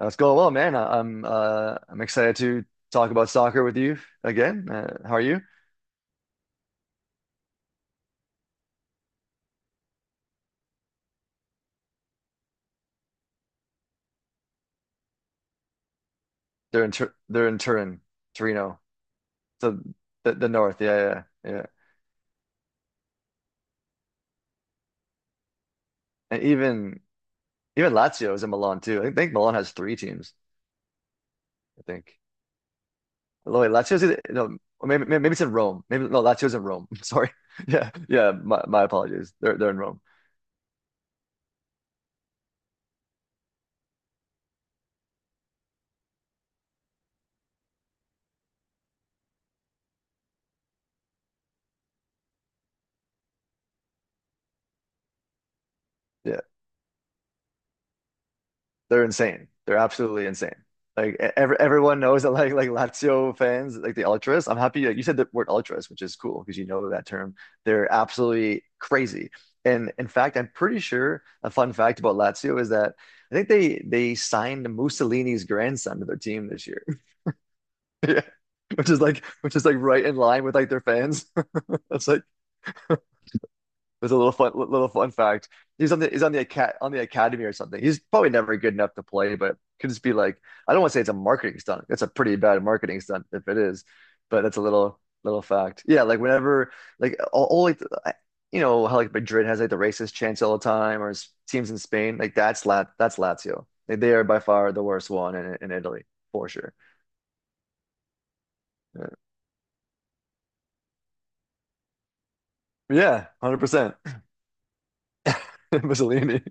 It's going well, man. I'm excited to talk about soccer with you again. How are you? They're in Turin, Torino, so the north. Yeah, yeah, yeah. And even Even Lazio is in Milan too. I think Milan has three teams. I think. Oh, wait, Lazio's either, no, or maybe maybe it's in Rome. Maybe no, Lazio's in Rome. Sorry. Yeah, yeah. My apologies. They're in Rome. Yeah. They're insane. They're absolutely insane. Like everyone knows that like Lazio fans, like the ultras. I'm happy that you said the word ultras, which is cool because you know that term. They're absolutely crazy. And in fact, I'm pretty sure a fun fact about Lazio is that I think they signed Mussolini's grandson to their team this year. Yeah. Which is like right in line with like their fans. That's like was a little fun fact. He's on the academy or something. He's probably never good enough to play, but could just be like I don't want to say it's a marketing stunt. It's a pretty bad marketing stunt if it is, but that's a little fact. Yeah, like whenever like you know how like Madrid has like the racist chants all the time, or teams in Spain like that's Lazio. Like, they are by far the worst one in Italy for sure. Yeah, 100%. Mussolini.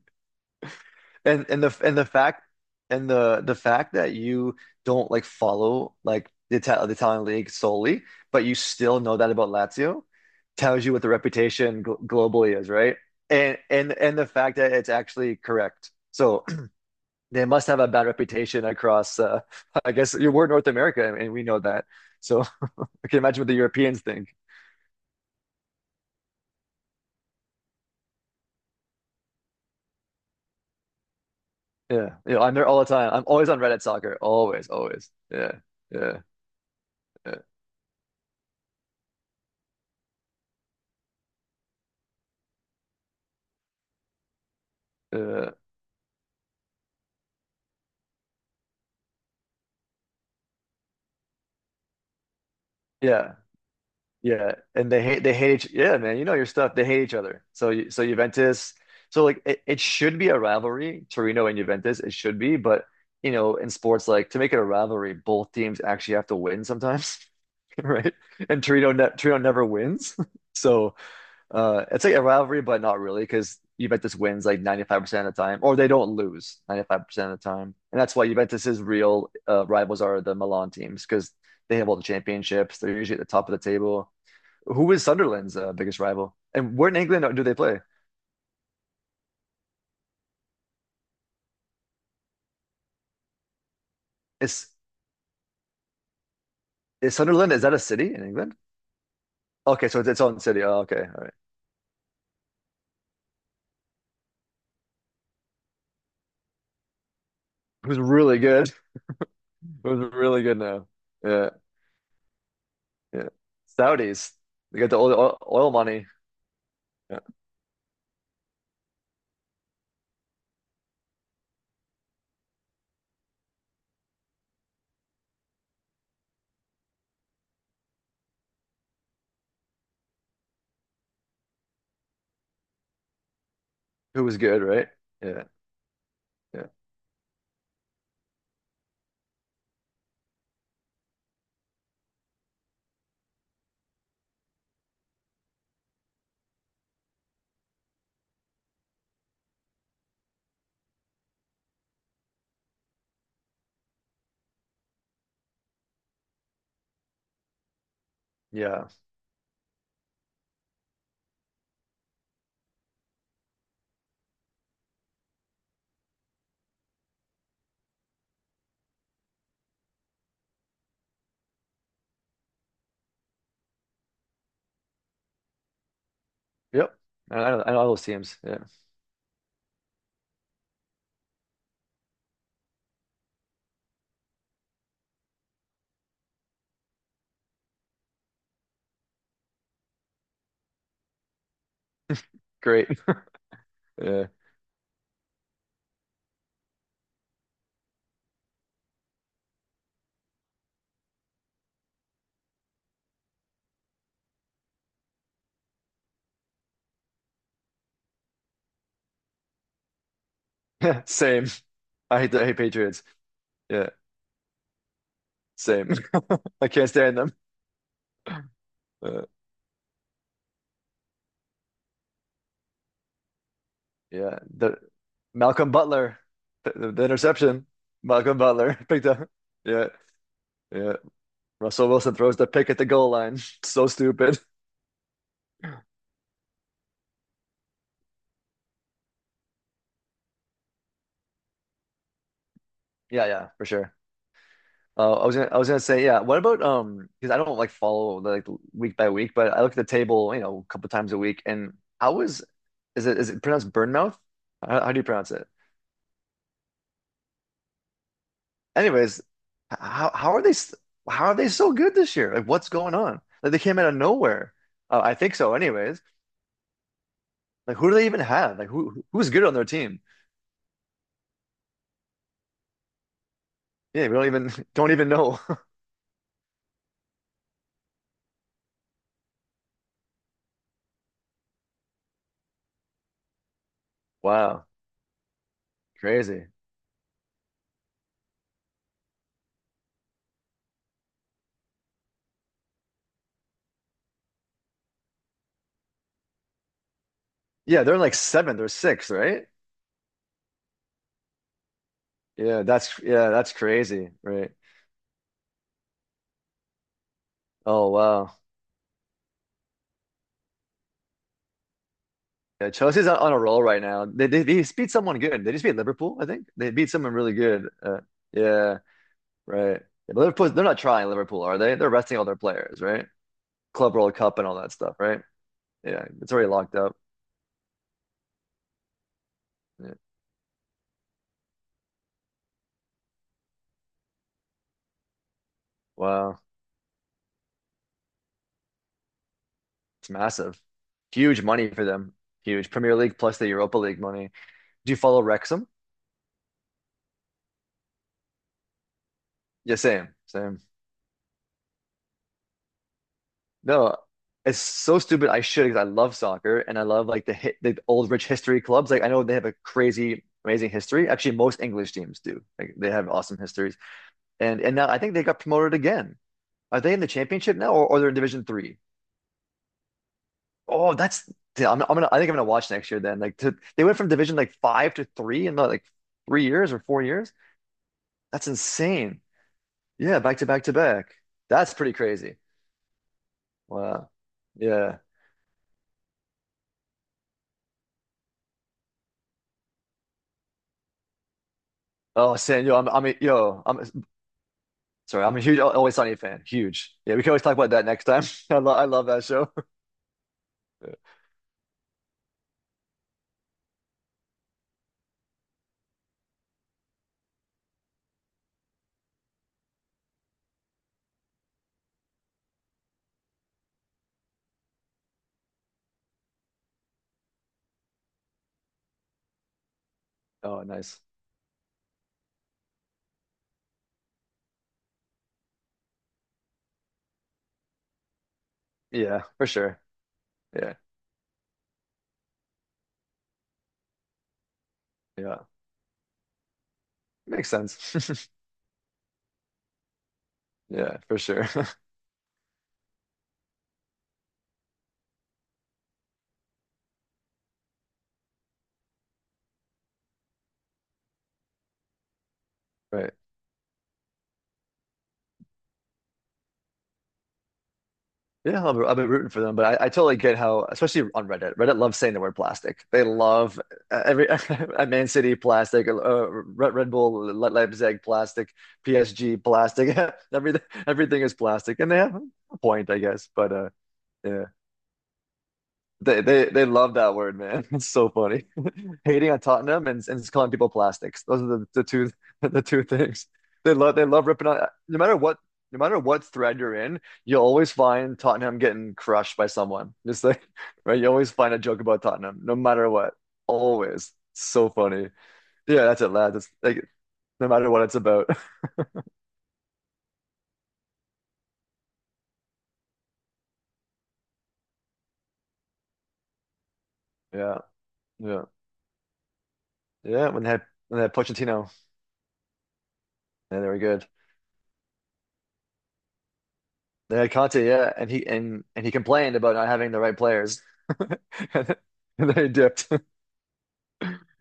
And the fact and the fact that you don't like follow like the Italian league solely, but you still know that about Lazio, tells you what the reputation gl globally is, right? And the fact that it's actually correct. So they must have a bad reputation across. I guess you are North America, and we know that. So I can imagine what the Europeans think. Yeah, you know, I'm there all the time. I'm always on Reddit soccer. Always, always. Yeah, yeah, yeah, yeah, yeah. Yeah, and they hate each yeah, man. You know your stuff. They hate each other. So so Juventus. So like it should be a rivalry, Torino and Juventus. It should be, but you know in sports like to make it a rivalry, both teams actually have to win sometimes, right? And Torino ne Torino never wins. So it's like a rivalry, but not really because Juventus wins like 95% of the time, or they don't lose 95% of the time, and that's why Juventus's real rivals are the Milan teams because they have all the championships. They're usually at the top of the table. Who is Sunderland's biggest rival? And where in England do they play? Is is Sunderland, is that a city in England? Okay, so it's its own city. Oh, okay, all right. Who's really good? Who's really good now? Yeah, yeah. Saudis. They got the oil, oil money. Yeah. Who was good, right? Yeah, yeah, yeah. Yep. I know, I know all those teams. Yeah, great. Yeah, same. I hate Patriots. Yeah, same. I can't stand them. Uh, Yeah, the Malcolm Butler, the interception. Malcolm Butler picked up. Yeah, yeah. Russell Wilson throws the pick at the goal line. So stupid. Yeah, yeah, for sure. I was gonna say, yeah. What about Because I don't like follow like week by week, but I look at the table, you know, a couple times a week. And how is is it pronounced Burnmouth? How do you pronounce it? Anyways, how are how are they so good this year? Like, what's going on? Like, they came out of nowhere. I think so, anyways. Like, who do they even have? Like, who's good on their team? Yeah, we don't even don't even know. Wow, crazy. Yeah, they're in like seventh or sixth, right? Yeah, that's crazy, right? Oh wow, yeah, Chelsea's on a roll right now. They beat someone good. They just beat Liverpool, I think. They beat someone really good. Yeah, right. Yeah, but Liverpool, they're not trying Liverpool, are they? They're resting all their players, right? Club World Cup and all that stuff, right? Yeah, it's already locked up. Yeah. Wow. It's massive. Huge money for them. Huge Premier League plus the Europa League money. Do you follow Wrexham? Yeah, same, same. No, it's so stupid. I should because I love soccer and I love like the old rich history clubs. Like I know they have a crazy, amazing history. Actually, most English teams do. Like they have awesome histories. And now I think they got promoted again. Are they in the championship now or they're in Division Three? Oh, that's yeah, I think I'm gonna watch next year then. They went from Division like five to three in like 3 years or 4 years. That's insane. Yeah, back to back to back. That's pretty crazy. Wow. Yeah. Oh, Sam, yo, sorry, I'm a huge Always Sunny fan. Huge. Yeah, we can always talk about that next time. I love that show. Yeah. Oh, nice. Yeah, for sure. Yeah, yeah, makes sense. Yeah, for sure. Right. Yeah, I've been rooting for them, but I totally get how, especially on Reddit. Reddit loves saying the word plastic. They love every Man City plastic, Red Bull Le Leipzig plastic, PSG plastic. Everything everything is plastic, and they have a point, I guess. But yeah. They love that word, man. It's so funny. Hating on Tottenham and just calling people plastics. Those are the two the two things. They love ripping on no matter what no matter what thread you're in, you'll always find Tottenham getting crushed by someone. Just like right, you always find a joke about Tottenham, no matter what. Always. So funny. Yeah, that's it, lad. That's like no matter what it's about. Yeah. Yeah. Yeah. When they had Pochettino. Yeah, they were good. Yeah, Conte, yeah, and he complained about not having the right players, and then he dipped.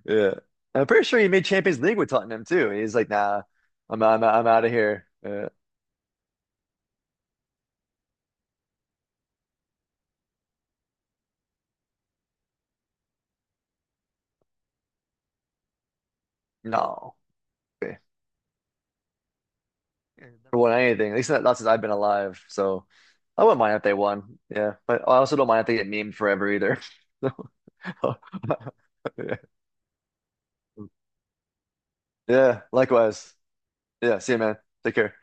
Yeah, I'm pretty sure he made Champions League with Tottenham too. He's like, nah, I'm I'm out of here. No, yeah, never won anything. At least not, not since I've been alive. So I wouldn't mind if they won. Yeah, but I also don't mind if they get memed forever either. So, yeah, yeah, likewise. Yeah, see you, man. Take care.